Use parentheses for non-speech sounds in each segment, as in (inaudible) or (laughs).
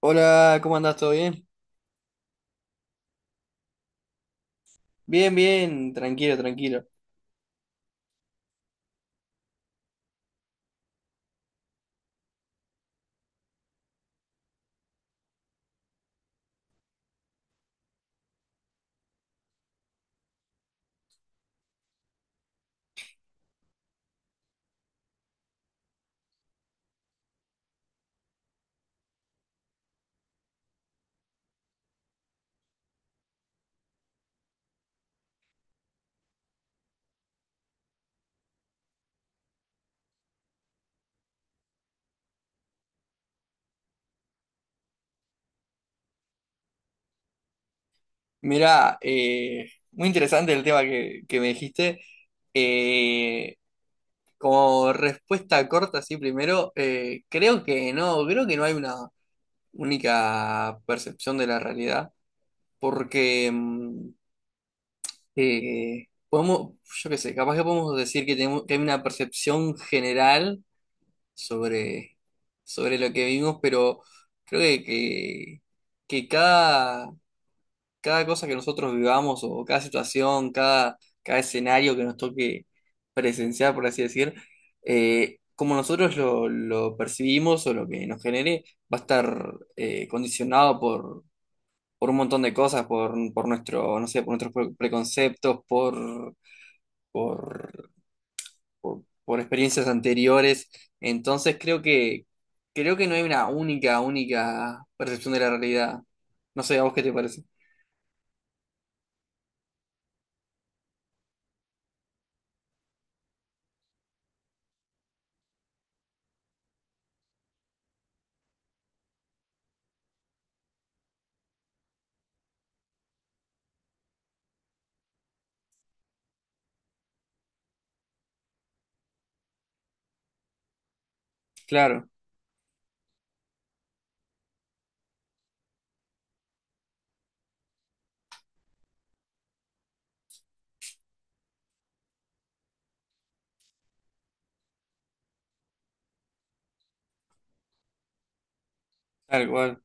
Hola, ¿cómo andás? ¿Todo bien? Bien, bien, tranquilo, tranquilo. Mirá, muy interesante el tema que me dijiste. Eh, Como respuesta corta, sí, primero, creo que no hay una única percepción de la realidad, porque podemos, yo qué sé, capaz que podemos decir que, tenemos, que hay una percepción general sobre, sobre lo que vivimos, pero creo que cada cosa que nosotros vivamos o cada situación, cada, cada escenario que nos toque presenciar, por así decir, como nosotros lo percibimos o lo que nos genere, va a estar condicionado por un montón de cosas, por nuestro, no sé, por nuestros preconceptos, por, por experiencias anteriores. Entonces creo que no hay una única, única percepción de la realidad. No sé, ¿a vos qué te parece? Claro, tal cual.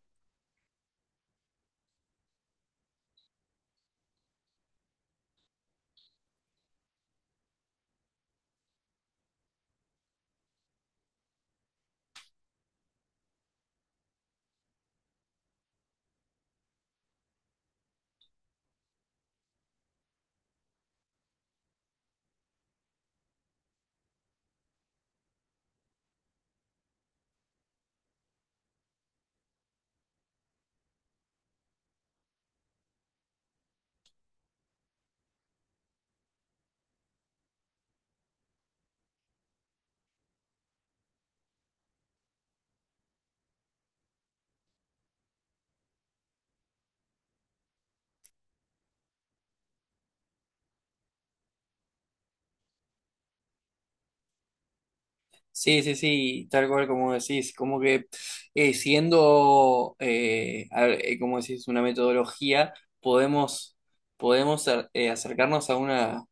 Sí, sí, sí, tal cual como decís, como que como decís, una metodología, podemos, podemos acercarnos a una,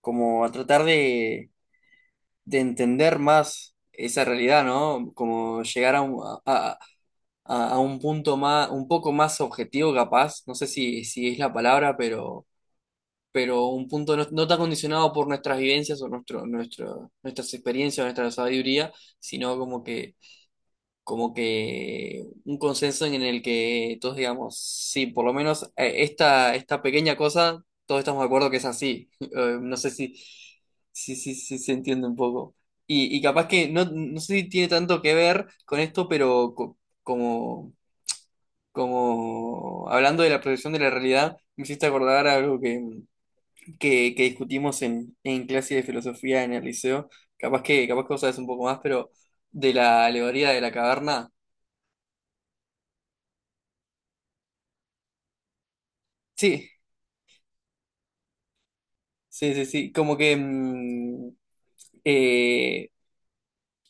como a tratar de entender más esa realidad, ¿no? Como llegar a un, a, a un punto más, un poco más objetivo capaz, no sé si, si es la palabra, pero un punto no, no tan condicionado por nuestras vivencias o nuestro, nuestro, nuestras experiencias o nuestra sabiduría, sino como que un consenso en el que todos digamos, sí, por lo menos esta, esta pequeña cosa, todos estamos de acuerdo que es así. (laughs) No sé si, si se entiende un poco. Y capaz que no, no sé si tiene tanto que ver con esto, pero como, como hablando de la proyección de la realidad, me hiciste acordar algo que, que discutimos en clase de filosofía en el liceo. Capaz que vos sabés un poco más, pero de la alegoría de la caverna. Sí, sí, sí, sí, como que eh,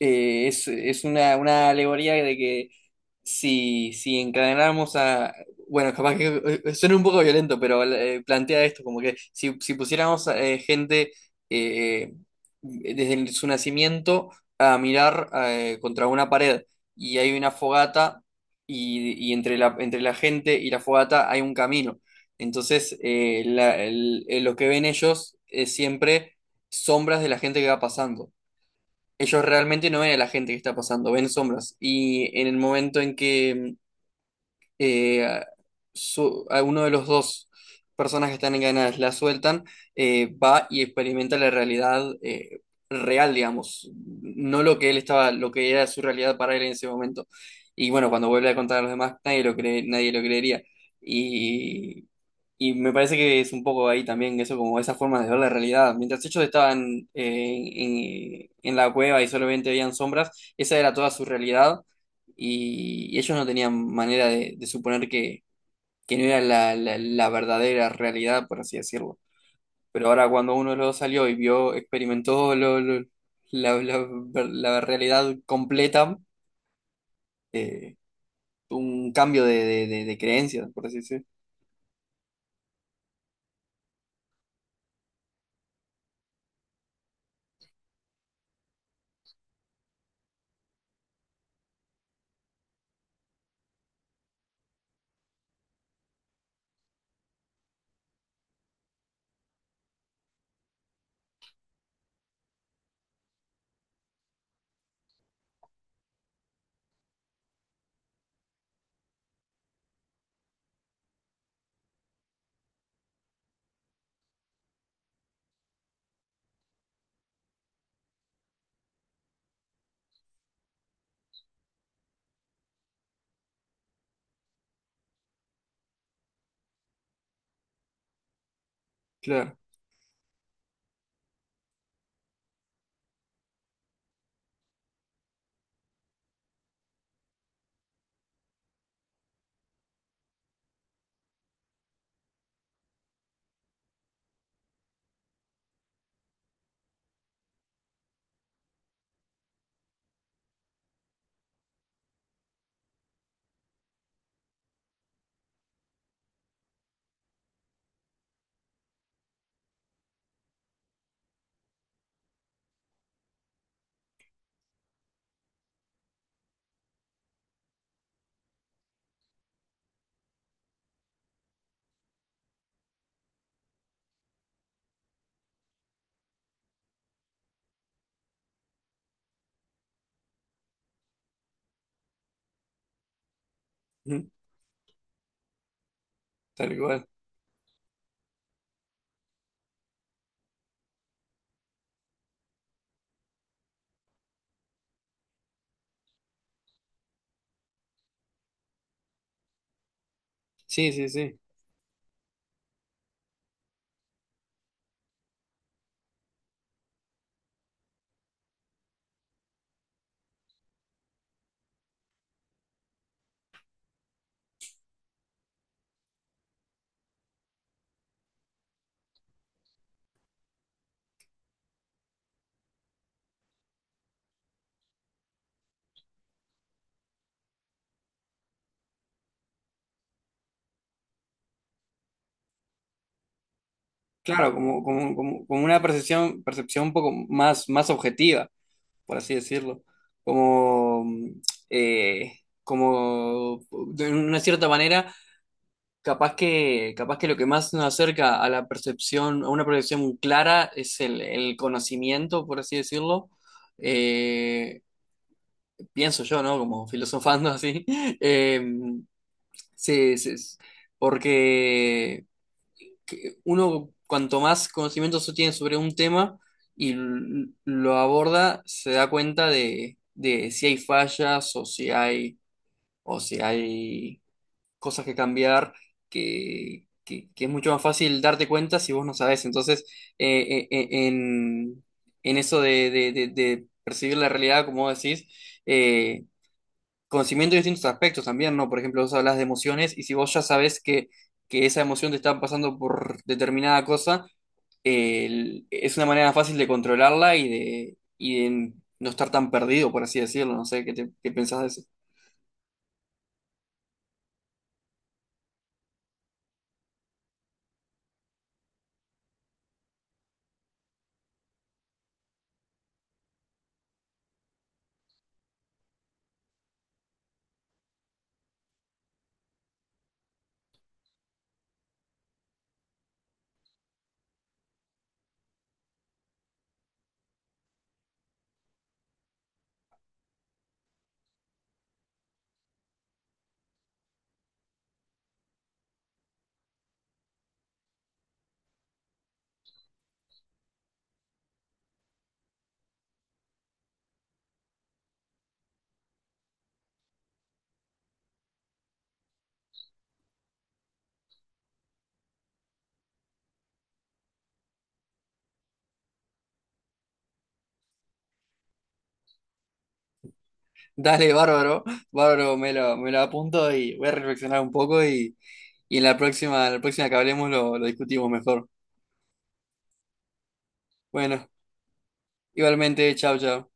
es una alegoría de que si, si encadenáramos a... Bueno, capaz que suena un poco violento, pero plantea esto, como que si, si pusiéramos gente eh, desde su nacimiento a mirar contra una pared y hay una fogata y entre la gente y la fogata hay un camino. Entonces, lo que ven ellos es siempre sombras de la gente que va pasando ellos realmente no ven a la gente que está pasando, ven sombras. Y en el momento en que eh, a uno de los dos personas que están encadenadas la sueltan, va y experimenta la realidad real, digamos, no lo que él estaba, lo que era su realidad para él en ese momento. Y bueno, cuando vuelve a contar a los demás, nadie lo cree, nadie lo creería. Y, y me parece que es un poco ahí también eso, como esas formas de ver la realidad. Mientras ellos estaban en la cueva y solamente veían sombras, esa era toda su realidad y ellos no tenían manera de suponer que no era la verdadera realidad, por así decirlo. Pero ahora cuando uno de los dos salió y vio, experimentó la, la- la realidad completa, eh, un cambio de, de creencias, por así decirlo. Claro, ujú, tal cual. Sí, sí, sí. Claro, como una percepción, percepción un poco más, más objetiva, por así decirlo, como, eh, como de una cierta manera, capaz que lo que más nos acerca a la percepción, a una percepción clara es el conocimiento, por así decirlo. Eh, Pienso yo, ¿no? Como filosofando así. (laughs) Eh, sí, sí, sí, porque que uno cuanto más conocimiento se tiene sobre un tema y lo aborda, se da cuenta de si hay fallas o si hay cosas que cambiar, que es mucho más fácil darte cuenta si vos no sabés. Entonces, eh, eh, eh, en, en eso de, de percibir la realidad, como vos decís, eh, conocimiento de distintos aspectos también, ¿no? Por ejemplo, vos hablas de emociones y si vos ya sabés que esa emoción te está pasando por determinada cosa, es una manera fácil de controlarla y de no estar tan perdido, por así decirlo. No sé, ¿qué, qué pensás de eso? (laughs) Dale, bárbaro, bárbaro, me lo apunto y voy a reflexionar un poco y en la próxima que hablemos lo discutimos mejor. Bueno, igualmente, chao, chao.